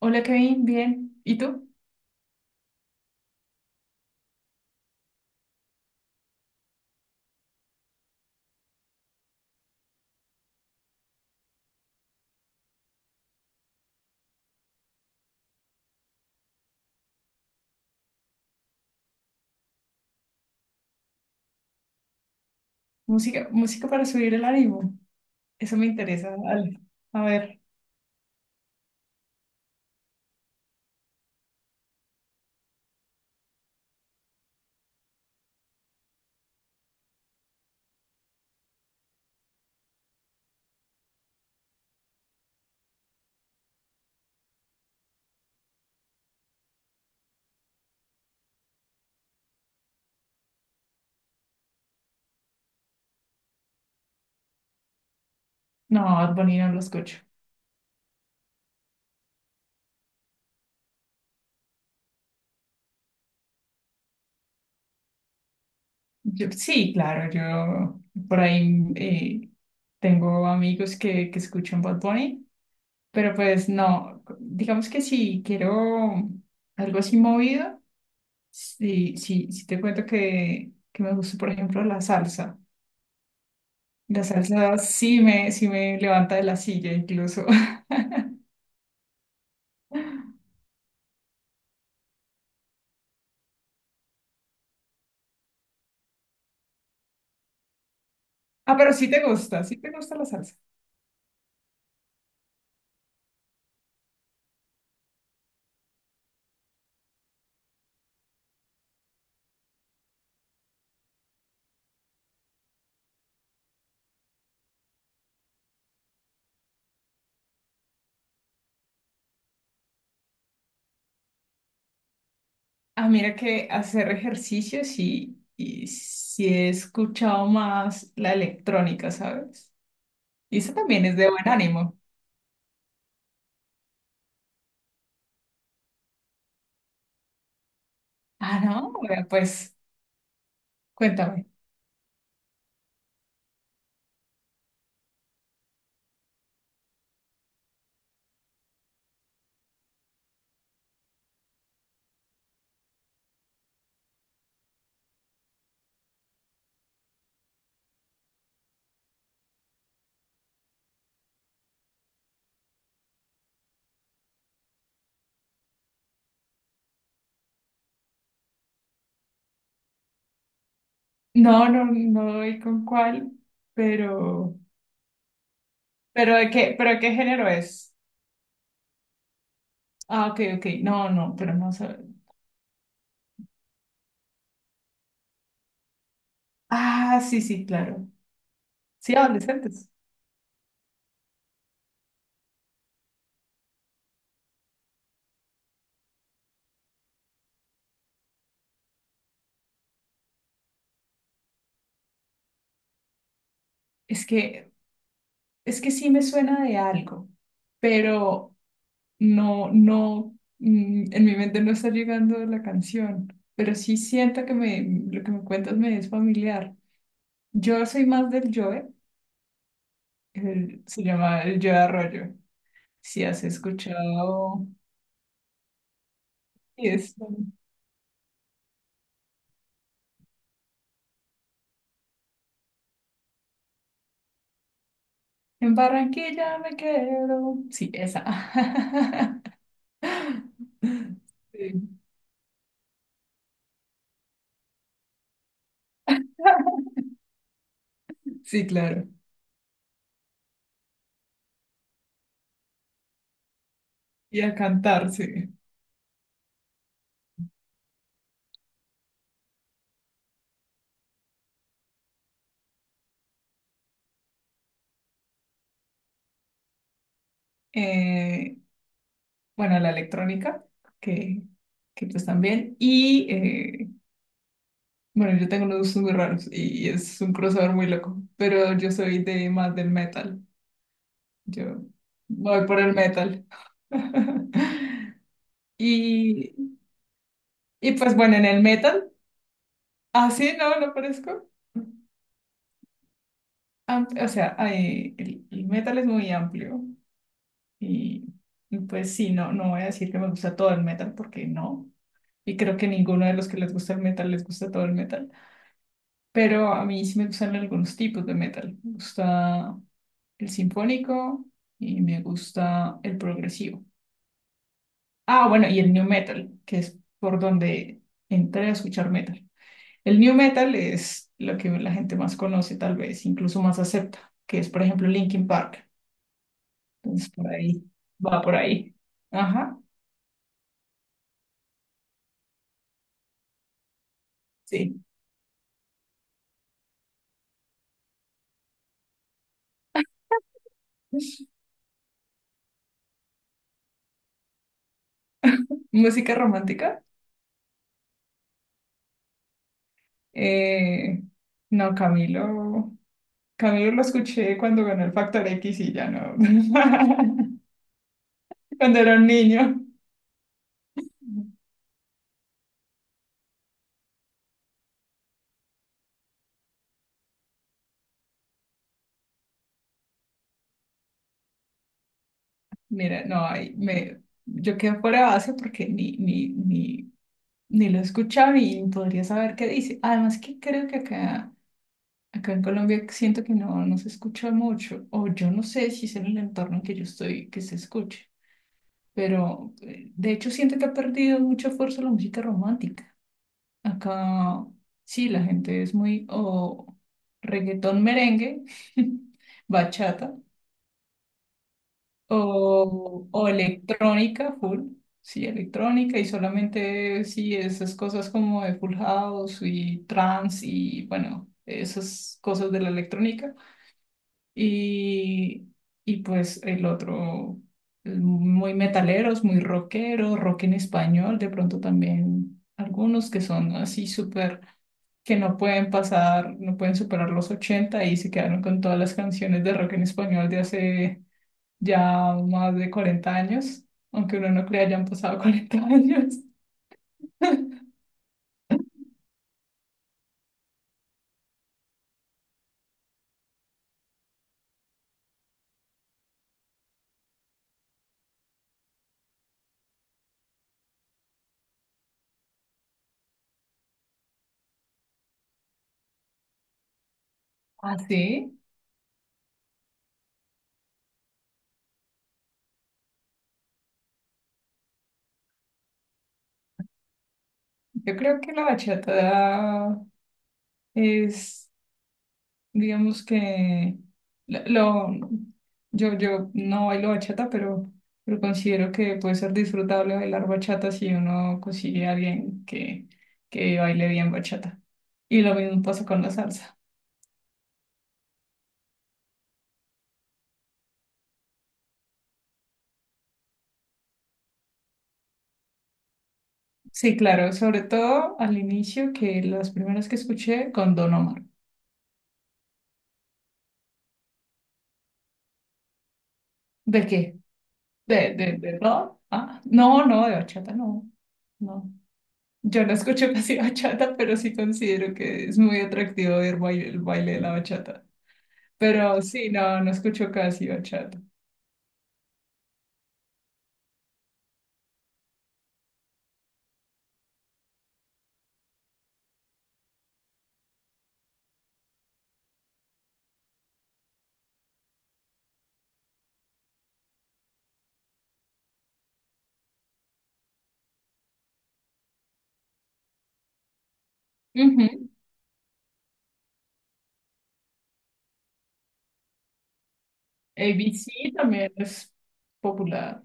Hola Kevin, bien. ¿Y tú? Música, música para subir el ánimo. Eso me interesa. Dale. A ver. No, Bad Bunny no lo escucho. Yo, sí, claro, yo por ahí tengo amigos que escuchan Bad Bunny, pero pues no, digamos que si quiero algo así movido, sí, te cuento que me gusta, por ejemplo, la salsa. La salsa sí me levanta de la silla incluso. Ah, pero sí te gusta la salsa. Ah, mira que hacer ejercicios y sí he escuchado más la electrónica, ¿sabes? Y eso también es de buen ánimo. Ah, no, vea, pues cuéntame. No, no, no doy con cuál, pero, pero de qué género es. Ah, ok, ok, no, no, pero no sé. Ah, sí, sí, claro. Sí, adolescentes. Es que, es que sí me suena de algo, pero no, no, mm, en mi mente no está llegando la canción, pero sí siento que me, lo que me cuentas me es familiar. Yo soy más del Joe, el- se llama el Joe Arroyo. Si has escuchado, y es, en Barranquilla me quedo. Sí, esa. Sí. Sí, claro. Y a cantar, sí. Eh, bueno, la electrónica, que, que pues también. Y bueno, yo tengo unos gustos muy raros y es un crossover muy loco, pero yo soy de más del metal. Yo voy por el metal. Y, y pues bueno, en el metal, así no, no parezco. Am- O sea, hay- el metal es muy amplio y, y pues sí, no, no voy a decir que me gusta todo el metal porque no. Y creo que ninguno de los que les gusta el metal les gusta todo el metal. Pero a mí sí me gustan algunos tipos de metal. Me gusta el sinfónico y me gusta el progresivo. Ah, bueno, y el new metal, que es por donde entré a escuchar metal. El new metal es lo que la gente más conoce, tal vez, incluso más acepta, que es, por ejemplo, Linkin Park. Entonces, por ahí, va por ahí. Ajá, sí. Música romántica. Eh, no, Camilo. Camilo lo escuché cuando ganó el Factor X y ya no. Cuando era un niño. Mira, no, yo quedo fuera de base porque ni lo he escuchado y podría saber qué dice. Además que creo que acá, acá en Colombia siento que no, no se escucha mucho, o yo no sé si es en el entorno en que yo estoy que se escuche, pero de hecho siento que ha perdido mucha fuerza la música romántica. Acá sí, la gente es muy o reggaetón merengue, bachata. O electrónica, full, sí, electrónica y solamente sí, esas cosas como de Full House y trance y bueno, esas cosas de la electrónica. Y, y pues el otro, muy metaleros, muy rockeros, rock en español, de pronto también algunos que son así súper, que no pueden pasar, no pueden superar los 80 y se quedaron con todas las canciones de rock en español de hace ya más de 40 años, aunque uno no crea, ya han pasado 40 años. Así, yo creo que la bachata es, digamos que, lo- yo no bailo bachata, pero considero que puede ser disfrutable bailar bachata si uno consigue a alguien que baile bien bachata. Y lo mismo pasa con la salsa. Sí, claro, sobre todo al inicio, que las primeras que escuché con Don Omar. ¿De qué? De rock? Ah, no, no, de bachata no. No. Yo no escucho casi bachata, pero sí considero que es muy atractivo ver baile- el baile de la bachata. Pero sí, no, no escucho casi bachata. Ujú. ABC también es popular.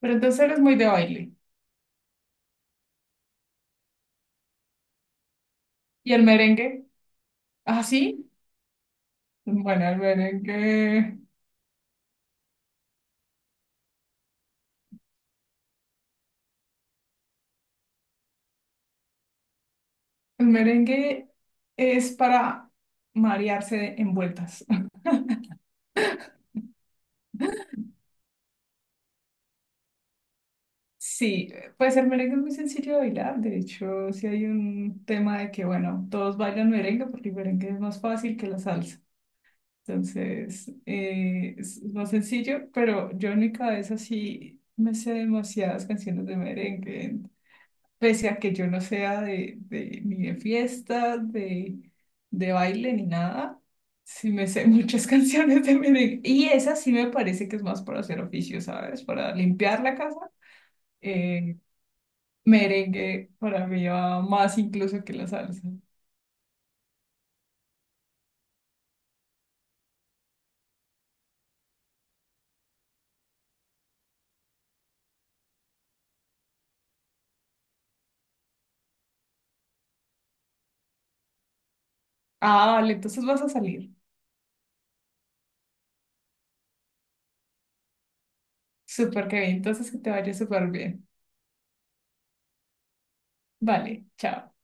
Pero entonces eres muy de baile. ¿Y el merengue? Ah, sí. Bueno, el merengue. El merengue es para marearse en vueltas. Sí, puede ser merengue es muy sencillo de bailar. De hecho, sí hay un tema de que, bueno, todos bailan merengue porque el merengue es más fácil que la salsa. Entonces, es más sencillo, pero yo en mi cabeza sí me sé demasiadas canciones de merengue. Pese a que yo no sea de ni de fiesta, de baile, ni nada, sí me sé muchas canciones de merengue. Y esa sí me parece que es más para hacer oficio, ¿sabes? Para limpiar la casa. eh, Merengue para mí va más incluso que la salsa. Ah, vale, entonces vas a salir. Súper, bien, entonces que te vaya súper bien. Vale, chao.